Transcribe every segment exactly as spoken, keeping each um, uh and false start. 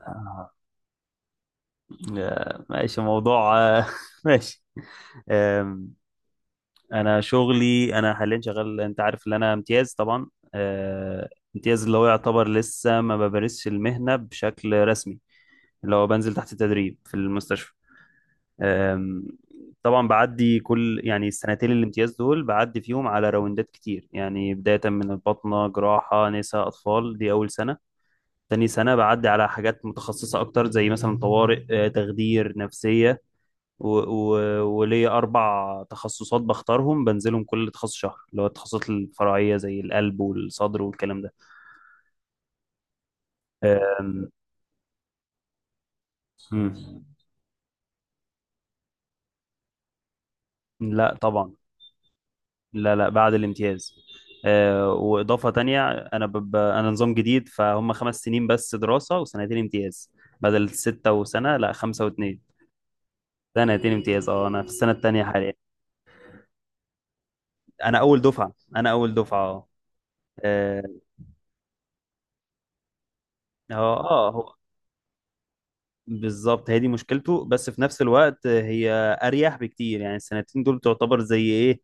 آه، آه، ماشي موضوع آه، ماشي. آم، انا شغلي انا حاليا شغال. انت عارف ان انا امتياز طبعا. آه، امتياز اللي هو يعتبر لسه ما بمارسش المهنة بشكل رسمي، اللي هو بنزل تحت تدريب في المستشفى. آم، طبعا بعدي كل يعني السنتين الامتياز دول بعدي فيهم على راوندات كتير، يعني بداية من الباطنة جراحة نساء أطفال دي أول سنة. تاني سنة بعدي على حاجات متخصصة أكتر زي مثلا طوارئ، آه، تخدير، نفسية. و... و... وليا أربع تخصصات بختارهم بنزلهم كل تخصص شهر، اللي هو التخصصات الفرعية زي القلب والصدر والكلام ده. آم، مم. لا طبعا. لا، لا، بعد الامتياز. آه، وإضافة تانية أنا ب... ب- أنا نظام جديد، فهم خمس سنين بس دراسة وسنتين امتياز، بدل ستة وسنة، لا خمسة واتنين. سنتين امتياز، اه، أنا في السنة التانية حاليا. أنا أول دفعة، أنا أول دفعة، اه. اه، اه. آه، هو بالظبط هي دي مشكلته، بس في نفس الوقت هي اريح بكتير، يعني السنتين دول تعتبر زي ايه،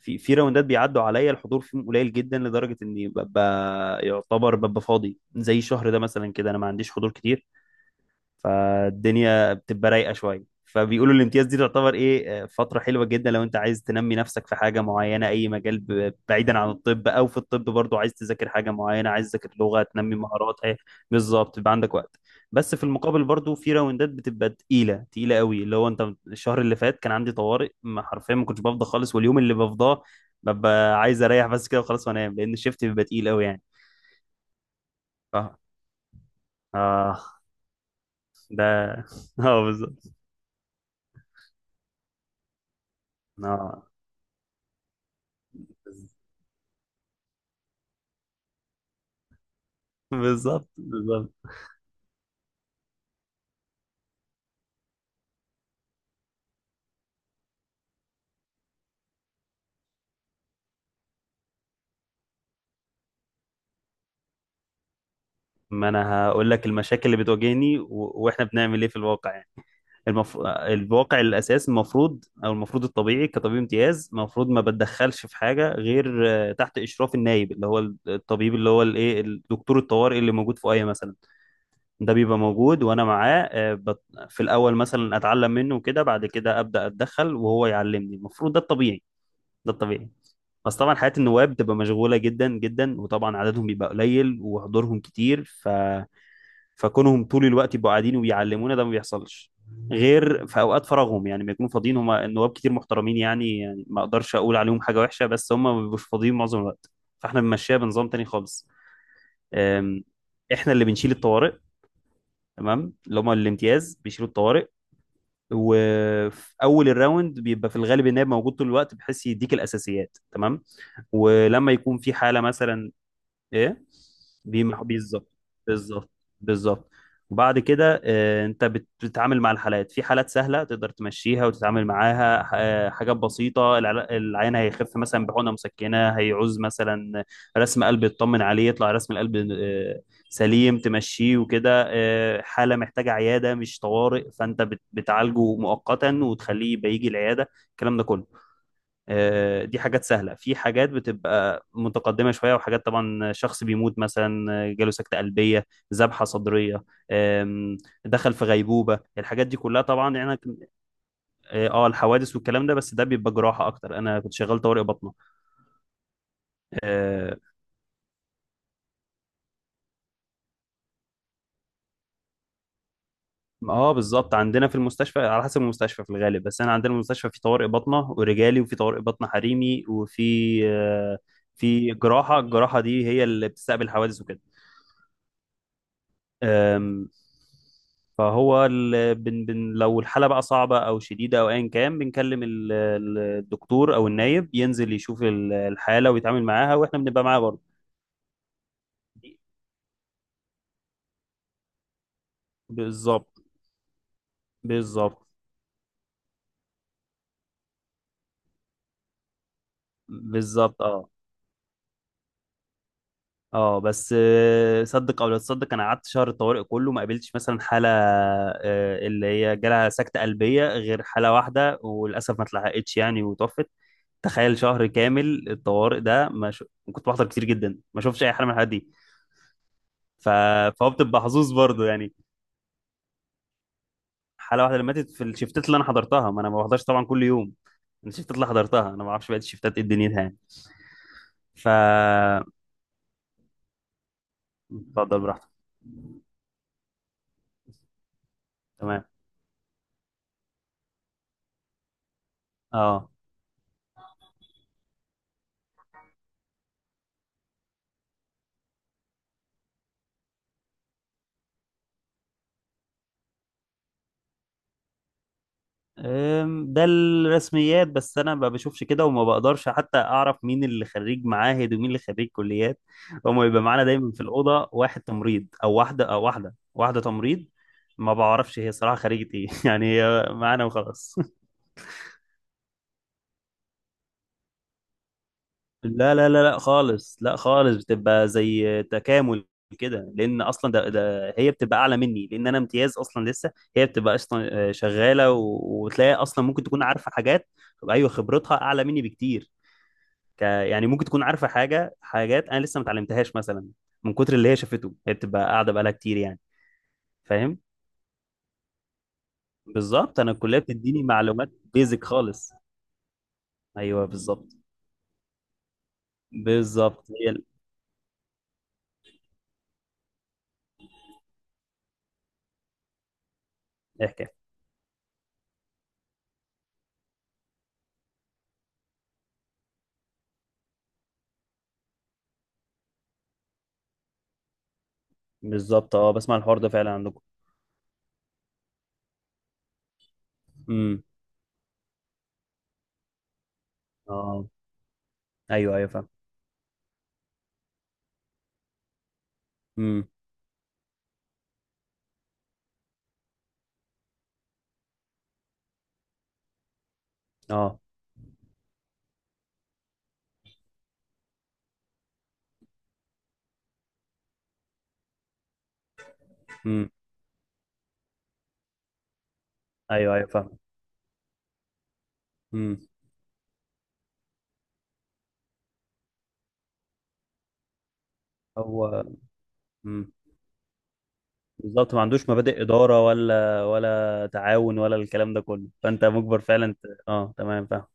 في في راوندات بيعدوا عليا، الحضور فيهم قليل جدا لدرجه اني ببقى يعتبر ببقى فاضي، زي الشهر ده مثلا كده انا ما عنديش حضور كتير. فالدنيا بتبقى رايقه شويه، فبيقولوا الامتياز دي تعتبر ايه، آه، فتره حلوه جدا لو انت عايز تنمي نفسك في حاجه معينه، اي مجال ب- بعيدا عن الطب او في الطب برضو، عايز تذاكر حاجه معينه، عايز تذاكر لغه، تنمي مهارات ايه. بالظبط يبقى عندك وقت. بس في المقابل برضو في راوندات بتبقى تقيله تقيله قوي، اللي هو انت الشهر اللي فات كان عندي طوارئ، ما حرفيا ما كنتش بفضى خالص، واليوم اللي بفضاه ببقى عايز اريح بس كده وخلاص وانام، لان الشيفت بيبقى تقيل قوي يعني. اه. اه. ده اه، بالظبط. اه، بالظبط بالظبط. ما انا هقول لك المشاكل اللي بتواجهني و... واحنا بنعمل ايه في الواقع يعني. المف... الواقع الاساس المفروض او المفروض الطبيعي، كطبيب امتياز المفروض ما بتدخلش في حاجه غير آه، تحت اشراف النايب، اللي هو ال- الطبيب، اللي هو الايه، الدكتور الطوارئ اللي موجود في ايه مثلا. ده بيبقى موجود وانا معاه، آه، بت... في الاول مثلا اتعلم منه وكده، بعد كده ابدا اتدخل وهو يعلمني، المفروض ده الطبيعي. ده الطبيعي. بس طبعا حياة النواب بتبقى مشغولة جدا جدا، وطبعا عددهم بيبقى قليل وحضورهم كتير ف... فكونهم طول الوقت يبقوا قاعدين وبيعلمونا ده ما بيحصلش، غير في اوقات فراغهم، يعني بيكونوا فاضيين. هم النواب كتير محترمين يعني يعني ما اقدرش اقول عليهم حاجة وحشة، بس هم ما بيبقوش فاضيين معظم الوقت. فاحنا بنمشيها بنظام تاني خالص. أم، احنا اللي بنشيل الطوارئ، تمام، اللي هم الامتياز بيشيلوا الطوارئ. وفي اول الراوند بيبقى في الغالب النائب موجود طول الوقت، بحيث يديك الاساسيات تمام. ولما يكون في حالة مثلا ايه، بيمح- بالظبط. بالظبط. بالظبط. وبعد كده آه، انت بت- بتتعامل مع الحالات. في حالات سهلة تقدر تمشيها وتتعامل معاها ح- آه، حاجات بسيطة، العل- العيان هيخف مثلا بحقنة مسكنة، هيعوز مثلا رسم قلب يطمن عليه، يطلع رسم القلب آه، سليم تمشيه وكده. آه، حالة محتاجة عيادة مش طوارئ، فانت بت- بتعالجه مؤقتا وتخليه يبقى يجي العيادة، الكلام ده كله. آه، دي حاجات سهلة، في حاجات بتبقى متقدمة شوية، وحاجات طبعا شخص بيموت مثلا، آه، جاله سكتة قلبية، ذبحة صدرية. آم، دخل في غيبوبة، الحاجات دي كلها طبعا يعني أنا- اه، آه، الحوادث والكلام ده، بس ده بيبقى جراحة اكتر، انا كنت شغال طوارئ باطنة. اه، آه، بالظبط. عندنا في المستشفى على حسب المستشفى، في الغالب بس انا عندنا المستشفى في طوارئ باطنة ورجالي، وفي طوارئ باطنة حريمي، وفي آه، في جراحة. الجراحة دي هي اللي بتستقبل الحوادث وكده. أم، فهو ال... بن... بن... لو الحالة بقى صعبة أو شديدة أو أيا كان، بنكلم ال... ال- الدكتور أو النايب، ينزل يشوف ال- الحالة ويتعامل معاها، وإحنا بنبقى معاه برضه. بالظبط. بالظبط. بالظبط. اه، اه. بس آه، صدق او لا تصدق، انا قعدت شهر الطوارئ كله ما قابلتش مثلا حاله آه، اللي هي جالها سكته قلبيه غير حاله واحده، وللاسف ما اتلحقتش يعني وتوفت. تخيل شهر كامل الطوارئ ده ما ش... كنت بحضر كتير جدا، ما شوفش اي حاله من الحالات دي. ف... فهو بتبقى حظوظ برضه يعني. حاله واحده اللي ماتت في الشفتات اللي انا حضرتها، ما انا ما بحضرش طبعا كل يوم، الشفتات اللي حضرتها انا، ما اعرفش بقى الشفتات ايه دنيتها يعني. ف اتفضل براحتك. تمام. اه. أم، ده الرسميات، بس انا ما بشوفش كده وما بقدرش حتى اعرف مين اللي خريج معاهد ومين اللي خريج كليات. هما بيبقى معانا دايما في الاوضه واحد تمريض او واحده، او واحده واحده تمريض. ما بعرفش هي صراحه خريجة ايه يعني هي معانا وخلاص. لا، لا، لا، لا، خالص، لا، خالص. بتبقى زي تكامل كده، لان اصلا ده, ده هي بتبقى اعلى مني، لان انا امتياز اصلا لسه. هي بتبقى اصلا آه، شغاله، و- وتلاقي اصلا ممكن تكون عارفه حاجات. ايوه خبرتها اعلى مني بكتير. ك... يعني ممكن تكون عارفه حاجه، حاجات انا لسه ما اتعلمتهاش مثلا، من كتر اللي هي شافته، هي بتبقى قاعده بقالها كتير يعني، فاهم. بالظبط، انا الكليه بتديني معلومات بيزك خالص. ايوه بالظبط. بالظبط هي ال- الحكايه. بالظبط، اه، بسمع الحوار ده فعلا عندكم. امم. اه. ايوه، ايوه، فاهم. امم. اه. امم. ايوه، ايوه، فاهم. امم. هو امم. بالظبط، ما عندوش مبادئ اداره ولا ولا تعاون ولا الكلام ده كله، فانت مجبر فعلا ت... اه، تمام، فاهم.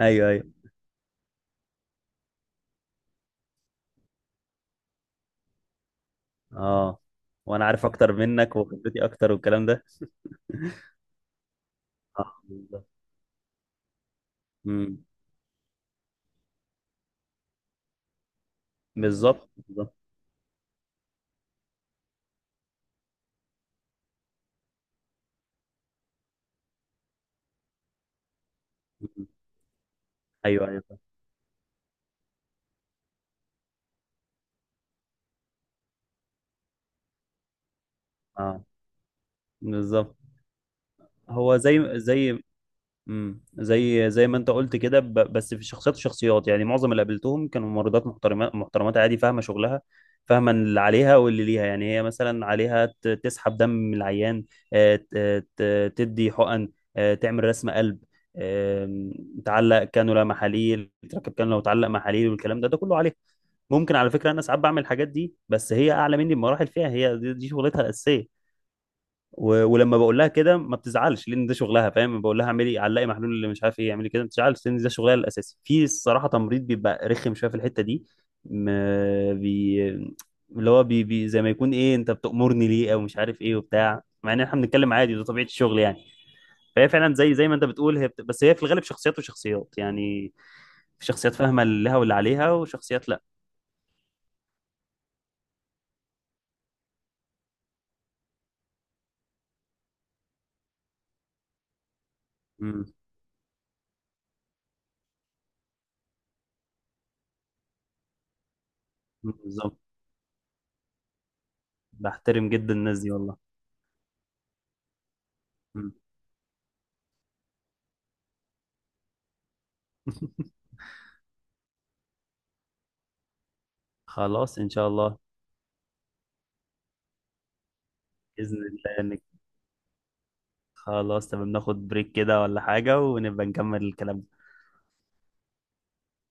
ايوه، ايوه، اه، وانا عارف اكتر منك وخبرتي اكتر والكلام ده، اه، بالظبط. امم. بالظبط. بالظبط. مم. ايوه، ايوه، اه، بالظبط. هو زي زي امم، زي زي ما انت قلت كده، ب- بس في شخصيات وشخصيات يعني، معظم اللي قابلتهم كانوا ممرضات محترمات محترمات، عادي، فاهمه شغلها، فاهمه اللي عليها واللي ليها، يعني هي مثلا عليها ت- تسحب دم من العيان، آه، ت- ت- تدي حقن، آه، تعمل رسم قلب، آم، تعلق كانولا محاليل، تركب كانولا وتعلق محاليل والكلام ده ده كله عليها. ممكن على فكره انا ساعات بعمل الحاجات دي، بس هي اعلى مني بمراحل فيها، هي دي دي شغلتها الاساسيه. و... ولما بقول لها كده ما بتزعلش لان ده شغلها، فاهم، بقول لها اعملي علقي محلول اللي مش عارف ايه اعملي كده، ما بتزعلش لان ده شغلها الاساسي. في الصراحه تمريض بيبقى رخم شويه في الحته دي، ما بي... اللي هو بي... بي... زي ما يكون ايه انت بتأمرني ليه او مش عارف ايه وبتاع، مع ان احنا بنتكلم عادي، ده طبيعه الشغل يعني. فهي فعلا زي زي ما انت بتقول هي بت... بس هي في الغالب شخصيات وشخصيات يعني، في شخصيات فاهمه اللي لها واللي عليها وشخصيات لا. امم، بالظبط، بحترم جدا الناس دي والله. مم. خلاص ان شاء الله، باذن الله، خلاص تمام، ناخد بريك كده ولا حاجة ونبقى نكمل الكلام.